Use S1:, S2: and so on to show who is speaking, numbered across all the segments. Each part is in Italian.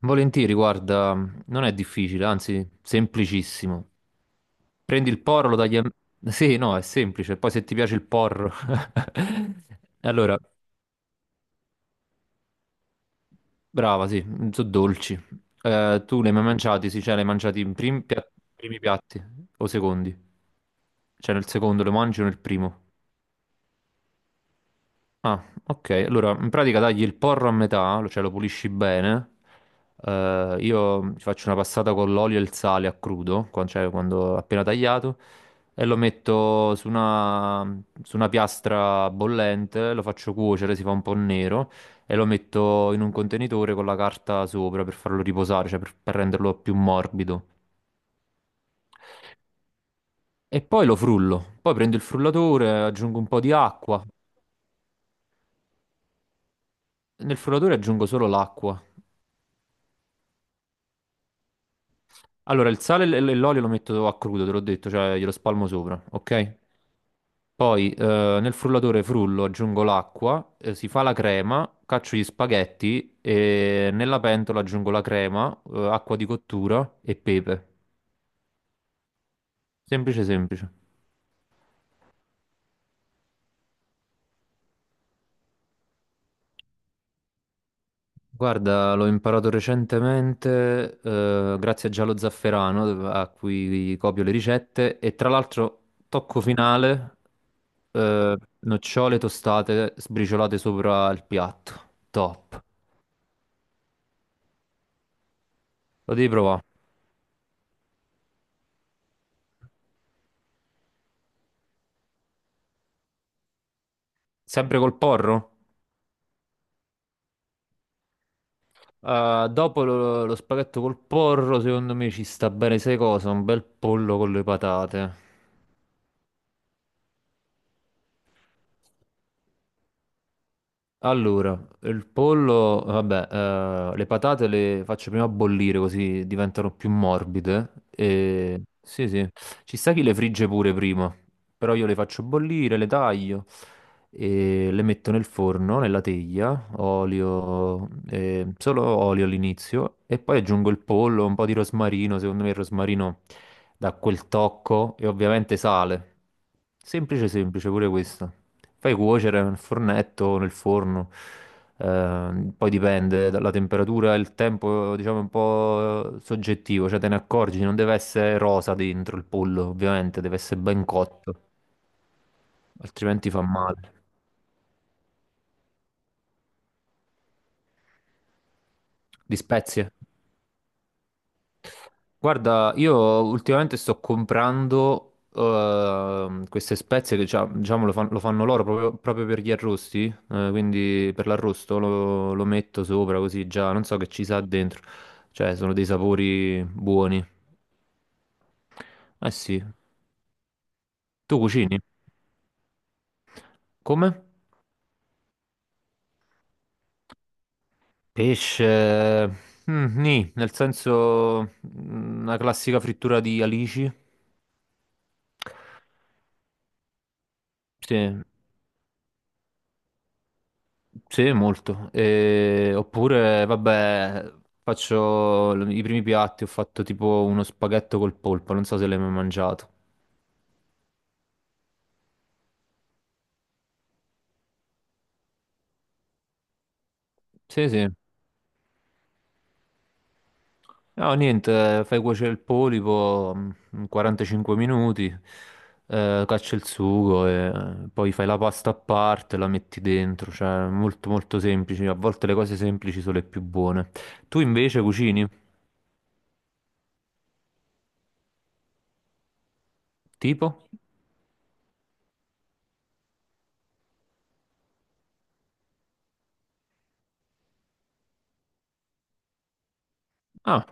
S1: Volentieri, guarda, non è difficile, anzi, semplicissimo. Prendi il porro, lo tagli a. Sì, no, è semplice. Poi se ti piace il porro. Allora, brava, sì, sono dolci. Tu li hai mai mangiati? Sì, cioè li hai mangiati in primi piatti o secondi? Cioè nel secondo lo mangi o nel primo? Ah, ok. Allora, in pratica tagli il porro a metà, cioè lo pulisci bene. Io ci faccio una passata con l'olio e il sale a crudo, cioè quando appena tagliato, e lo metto su una piastra bollente, lo faccio cuocere, si fa un po' nero, e lo metto in un contenitore con la carta sopra per farlo riposare, cioè per renderlo più morbido. E poi lo frullo. Poi prendo il frullatore, aggiungo un po' di acqua. Nel frullatore aggiungo solo l'acqua. Allora, il sale e e l'olio lo metto a crudo, te l'ho detto, cioè glielo spalmo sopra, ok? Poi nel frullatore frullo, aggiungo l'acqua, si fa la crema, caccio gli spaghetti e nella pentola aggiungo la crema, acqua di cottura e pepe. Semplice, semplice. Guarda, l'ho imparato recentemente, grazie a Giallo Zafferano, a cui copio le ricette, e tra l'altro, tocco finale, nocciole tostate sbriciolate sopra il piatto. Top. Lo devi provare. Sempre col porro? Dopo lo spaghetto col porro, secondo me ci sta bene, sai cosa? Un bel pollo con le patate. Allora, il pollo, vabbè, le patate le faccio prima bollire così diventano più morbide. E. Sì, sì, ci sta chi le frigge pure prima, però io le faccio bollire, le taglio e le metto nel forno, nella teglia, olio, solo olio all'inizio e poi aggiungo il pollo, un po' di rosmarino, secondo me il rosmarino dà quel tocco e ovviamente sale. Semplice, semplice, pure questo. Fai cuocere nel fornetto o nel forno, poi dipende dalla temperatura, il tempo, diciamo, è un po' soggettivo, cioè te ne accorgi, non deve essere rosa dentro il pollo, ovviamente, deve essere ben cotto, altrimenti fa male. Di spezie? Guarda, io ultimamente sto comprando queste spezie che diciamo lo fanno loro proprio, proprio per gli arrosti, quindi per l'arrosto lo metto sopra così già, non so che ci sa dentro, cioè sono dei sapori buoni. Eh sì, tu cucini? Come? Pesce, nì, nel senso una classica frittura di alici. Sì. Sì, molto. Oppure, vabbè, faccio i primi piatti, ho fatto tipo uno spaghetto col polpo, non so se l'hai mai mangiato. Sì, sì. No, niente, fai cuocere il polipo 45 minuti, caccia il sugo e poi fai la pasta a parte, la metti dentro, cioè molto molto semplice. A volte le cose semplici sono le più buone. Tu invece cucini? Tipo? Ah,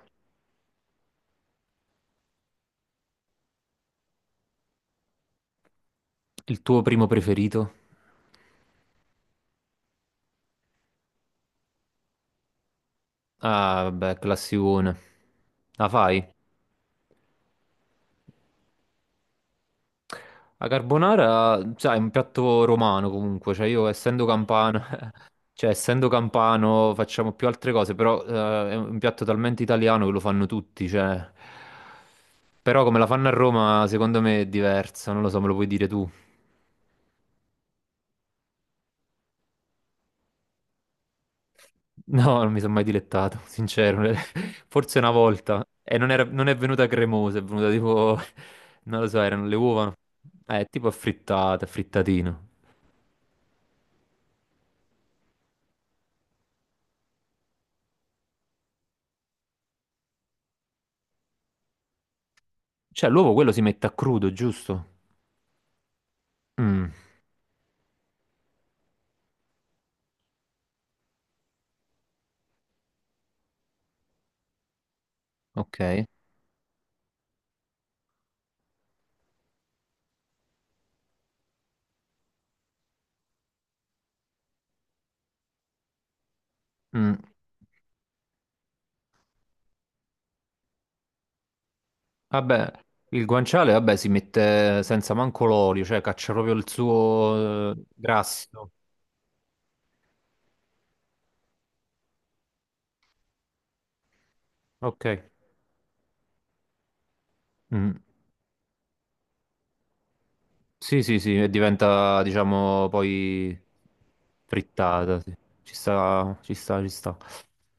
S1: il tuo primo preferito? Ah, vabbè, classicone. La fai? La carbonara, sai, è un piatto romano comunque, cioè io essendo campano, cioè essendo campano facciamo più altre cose, però è un piatto talmente italiano che lo fanno tutti, cioè. Però come la fanno a Roma, secondo me è diversa, non lo so, me lo puoi dire tu. No, non mi sono mai dilettato, sincero, forse una volta. E non è venuta cremosa, è venuta tipo, non lo so, erano le uova, tipo affrittata, frittatino. Cioè, l'uovo quello si mette a crudo, giusto? Mm, ok. Mm. Vabbè, il guanciale, vabbè, si mette senza manco l'olio, cioè caccia proprio il suo grasso. Ok. Mm. Sì, sì, sì, e diventa, diciamo, poi frittata, sì. Ci sta, ci sta, ci sta.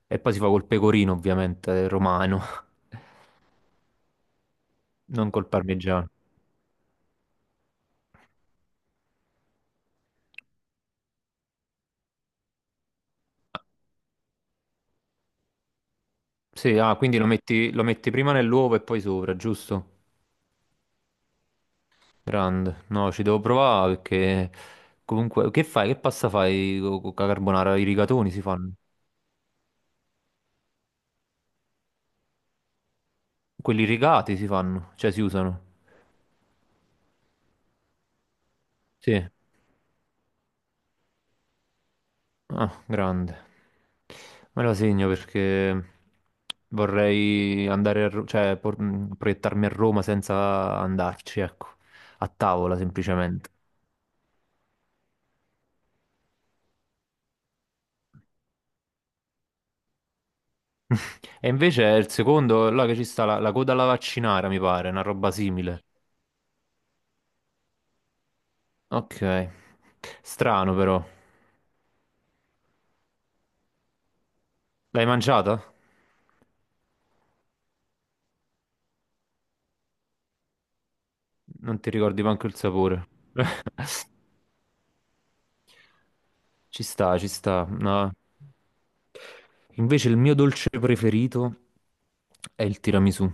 S1: E poi si fa col pecorino, ovviamente, romano, non col parmigiano. Sì, ah, quindi lo metti prima nell'uovo e poi sopra, giusto? Grande, no, ci devo provare perché comunque che fai? Che pasta fai con la carbonara? I rigatoni si fanno? Quelli rigati si fanno, cioè si usano. Sì. Ah, grande. Me la segno perché vorrei andare a, cioè proiettarmi a Roma senza andarci, ecco, a tavola semplicemente. E invece è il secondo, là che ci sta la coda alla vaccinara, mi pare, una roba simile. Ok. Strano però. L'hai mangiata? Non ti ricordi manco il sapore. Ci sta, ci sta. No. Invece il mio dolce preferito è il tiramisù.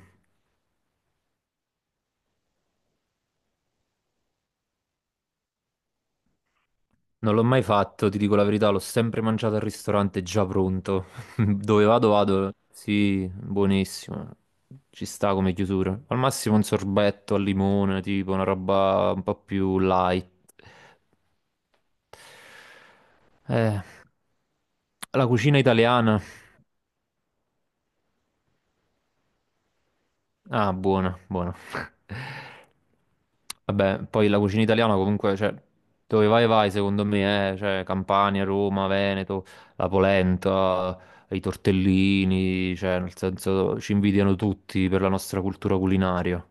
S1: Non l'ho mai fatto, ti dico la verità, l'ho sempre mangiato al ristorante già pronto. Dove vado, vado. Sì, buonissimo. Ci sta come chiusura. Al massimo un sorbetto al limone, tipo una roba un po' più light. Eh, la cucina italiana. Ah, buono, buono. Vabbè, poi la cucina italiana comunque, cioè, dove vai vai secondo me, cioè Campania, Roma, Veneto, la polenta, i tortellini, cioè nel senso ci invidiano tutti per la nostra cultura culinaria.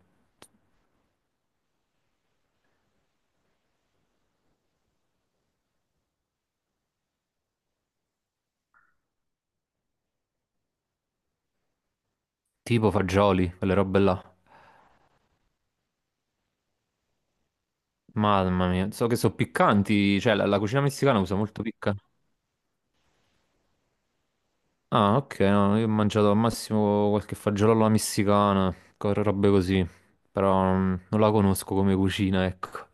S1: Tipo fagioli, quelle robe là. Mamma mia, so che sono piccanti, cioè la cucina messicana usa molto piccante. Ah, ok, no, no, io ho mangiato al massimo qualche fagiolo alla messicana, robe così, però non la conosco come cucina, ecco.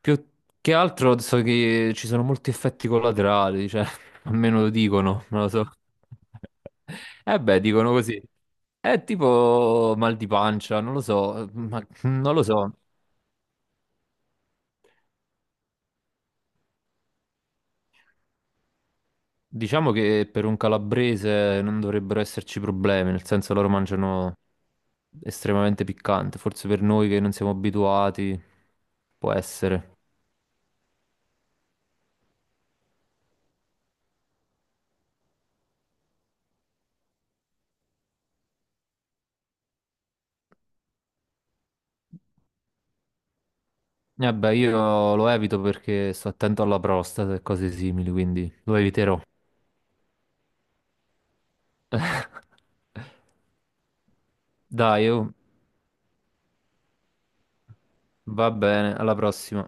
S1: Più che altro so che ci sono molti effetti collaterali, cioè, almeno lo dicono, non lo so. Eh beh, dicono così. È tipo mal di pancia, non lo so, ma non lo so. Diciamo che per un calabrese non dovrebbero esserci problemi, nel senso loro mangiano estremamente piccante, forse per noi che non siamo abituati può essere. E beh, io lo evito perché sto attento alla prostata e cose simili, quindi lo eviterò. Dai, oh, va bene, alla prossima.